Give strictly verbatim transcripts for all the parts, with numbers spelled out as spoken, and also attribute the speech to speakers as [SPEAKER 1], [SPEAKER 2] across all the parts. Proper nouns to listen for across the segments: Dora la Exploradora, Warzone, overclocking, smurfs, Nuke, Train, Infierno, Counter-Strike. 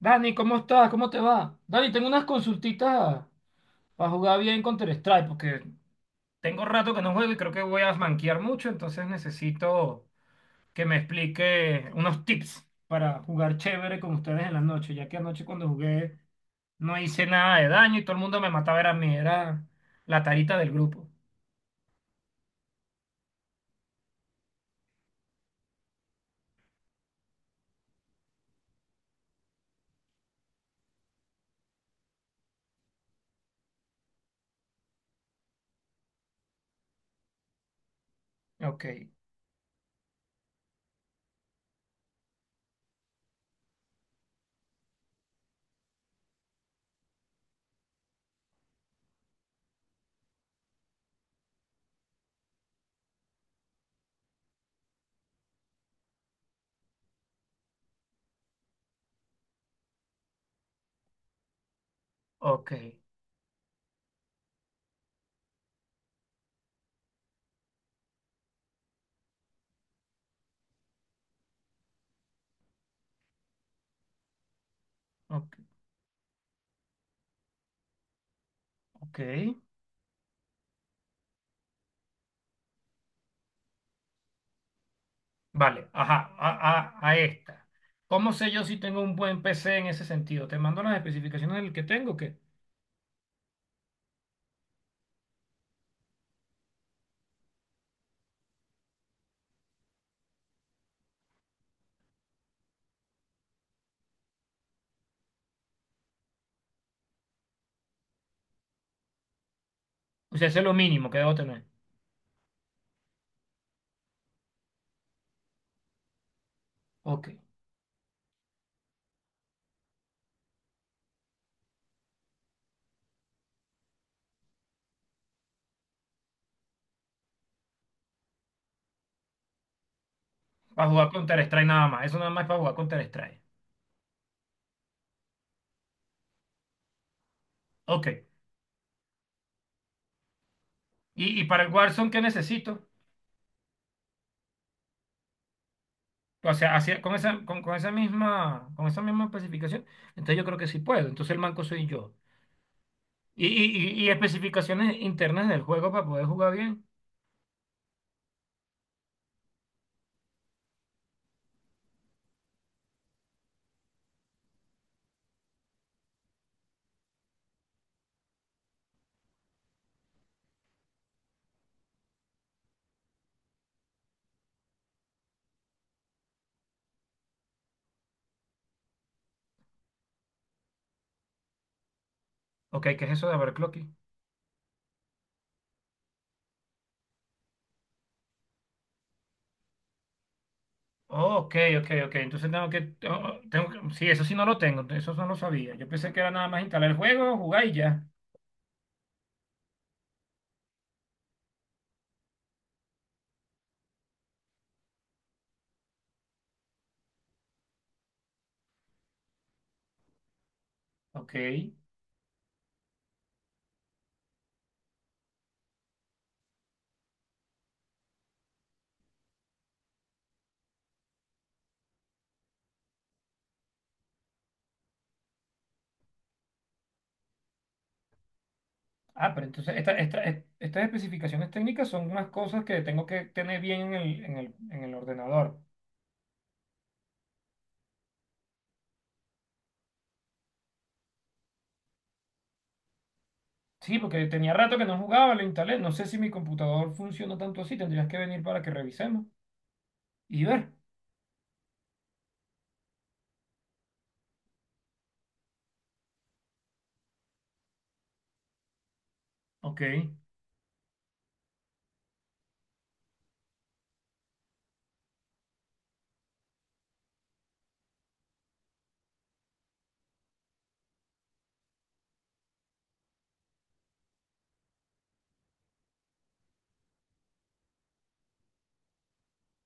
[SPEAKER 1] Dani, ¿cómo estás? ¿Cómo te va? Dani, tengo unas consultitas para jugar bien Counter-Strike, porque tengo rato que no juego y creo que voy a manquear mucho, entonces necesito que me explique unos tips para jugar chévere con ustedes en la noche, ya que anoche cuando jugué no hice nada de daño y todo el mundo me mataba, era a mí, era la tarita del grupo. Ok, ok, ok, ok. Vale, ajá, a, a, a esta. ¿Cómo sé yo si tengo un buen P C en ese sentido? ¿Te mando las especificaciones del que tengo o qué? O sea, eso es lo mínimo que debo tener. Ok. Para jugar Counter-Strike nada más. Eso nada más es para jugar Counter-Strike. Ok. Y, y para el Warzone, ¿qué necesito? O sea, así- con esa, con, con esa misma, con esa misma especificación, entonces yo creo que sí puedo. Entonces el manco soy yo. Y, y, y, y especificaciones internas del juego para poder jugar bien. Ok, ¿qué es eso de overclocking? Oh, ok, ok, ok. Entonces tengo que, oh, tengo que- Sí, eso sí no lo tengo. Eso no lo sabía. Yo pensé que era nada más instalar el juego, jugar y ya. Ok. Ah, pero entonces esta- esta- est- estas especificaciones técnicas son unas cosas que tengo que tener bien en el, en el, en el ordenador. Sí, porque tenía rato que no jugaba, lo instalé. No sé si mi computador funciona tanto así. Tendrías que venir para que revisemos y ver. Ok,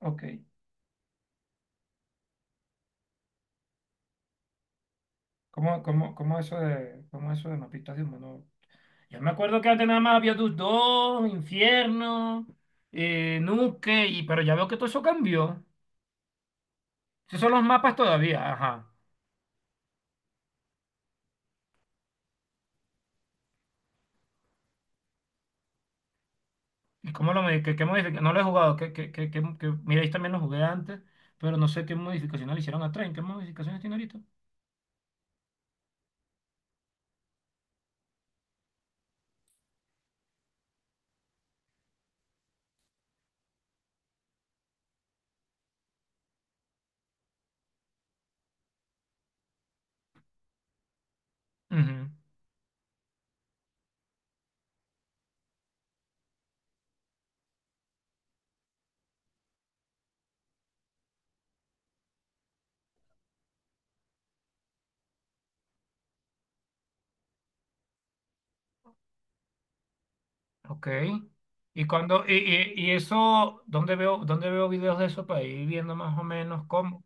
[SPEAKER 1] ok. ¿Cómo, cómo, cómo eso de, cómo eso de mapitas de humano? Yo me acuerdo que antes nada más había tus dos, Infierno, eh, Nuke, y, pero ya veo que todo eso cambió. Esos son los mapas todavía, ajá. ¿Y cómo lo modi- qué, qué modific- No lo he jugado. ¿Qué, qué, qué, qué- qué- Mira, ahí también lo jugué antes, pero no sé qué modificaciones le hicieron a Train. ¿Qué modificaciones tiene ahorita? Ujú. Ok. Y cuando, y, y, y eso, ¿dónde veo, dónde veo videos de eso para ir viendo más o menos cómo?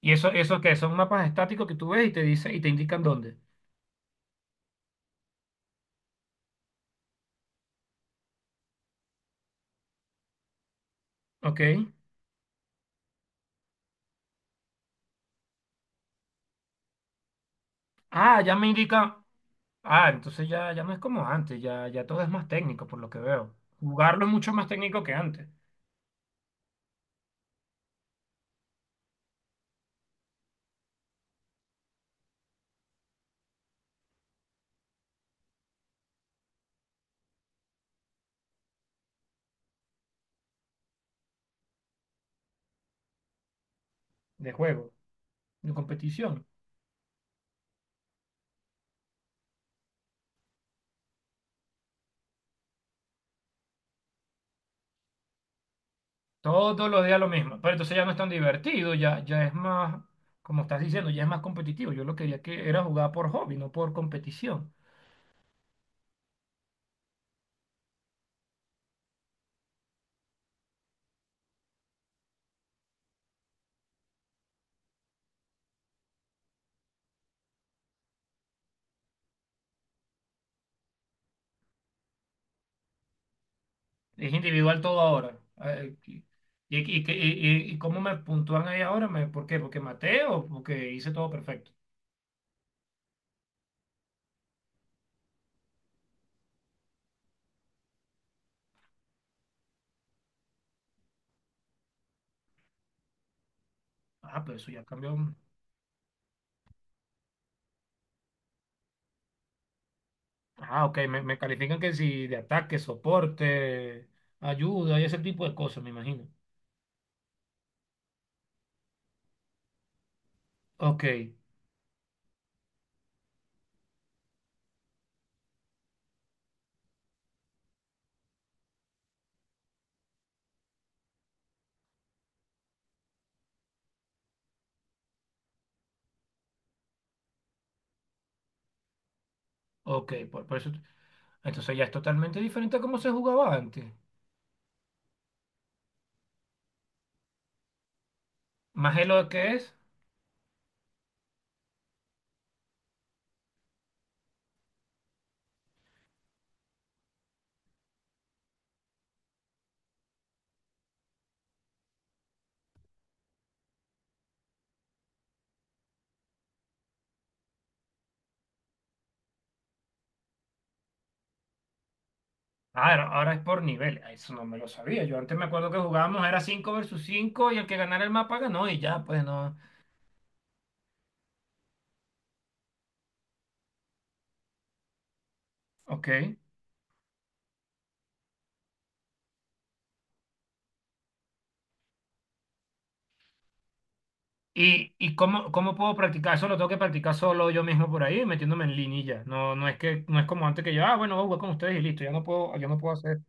[SPEAKER 1] Y eso, eso que son mapas estáticos que tú ves y te dice, y te indican dónde. Ok. Ah, ya me indica. Ah, entonces ya, ya no es como antes, ya, ya todo es más técnico por lo que veo. Jugarlo es mucho más técnico que antes, de juego, de competición. Todos los días lo mismo. Pero entonces ya no es tan divertido, ya, ya es más, como estás diciendo, ya es más competitivo. Yo lo quería que era jugar por hobby, no por competición. Es individual todo ahora. Ah, eh, ¿Y, y, y, y- y cómo me puntúan ahí ahora? ¿Me- ¿Por qué? ¿Porque maté o porque hice todo perfecto? Ah, pero eso ya cambió. Ah, ok, me, me califican que si de ataque, soporte, ayuda y ese tipo de cosas, me imagino. Ok, ok, por, por eso. Entonces ya es totalmente diferente a cómo se jugaba antes. Más de lo que es. Ah, era- ahora es por nivel. Ah, eso no me lo sabía. Yo antes me acuerdo que jugábamos, era cinco versus cinco y el que ganara el mapa ganó y ya, pues no. Ok. ¿Y, y cómo, cómo puedo practicar? Eso lo tengo que practicar solo yo mismo por ahí, metiéndome en línea y ya. No, no es que, no es como antes que yo, ah, bueno, voy a jugar con ustedes y listo. Ya no puedo, yo no puedo hacer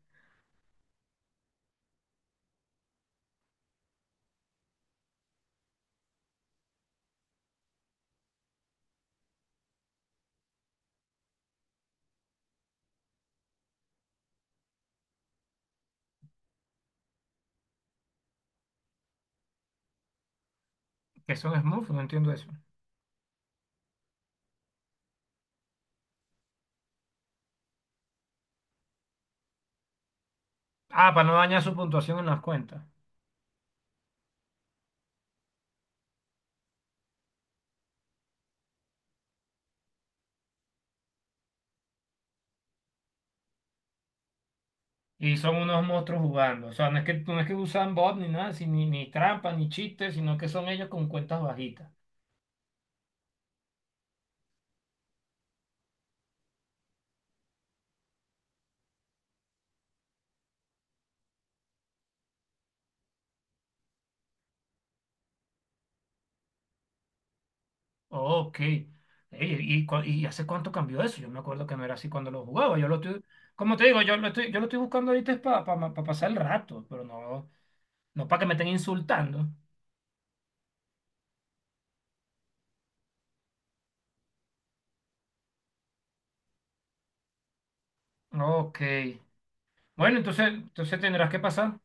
[SPEAKER 1] que son smurfs, no entiendo eso. Ah, para no dañar su puntuación en las cuentas. Y son unos monstruos jugando. O sea, no es que, no es que usan bot ni nada, si- ni, ni trampa, ni chistes, sino que son ellos con cuentas bajitas. Oh, ok. Ey, ¿y, cu- y hace cuánto cambió eso? Yo me acuerdo que no era así cuando lo jugaba. Yo lo estoy, como te digo, yo lo estoy, yo lo estoy buscando ahorita es para pasar el rato, pero no, no para que me estén insultando. Ok. Bueno, entonces, entonces tendrás que pasar.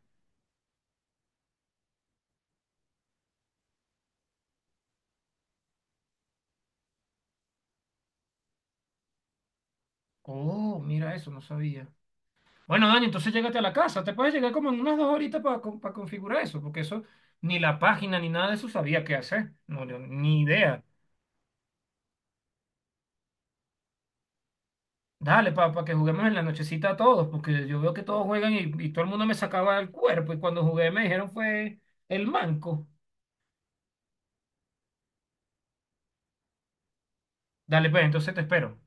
[SPEAKER 1] Oh, mira eso, no sabía. Bueno, Dani, entonces llégate a la casa. Te puedes llegar como en unas dos horitas para configurar eso, porque eso, ni la página ni nada de eso sabía qué hacer. No, yo ni idea. Dale, papá, que juguemos en la nochecita todos, porque yo veo que todos juegan y, y todo el mundo me sacaba el cuerpo y cuando jugué me dijeron fue el manco. Dale, pues, entonces te espero.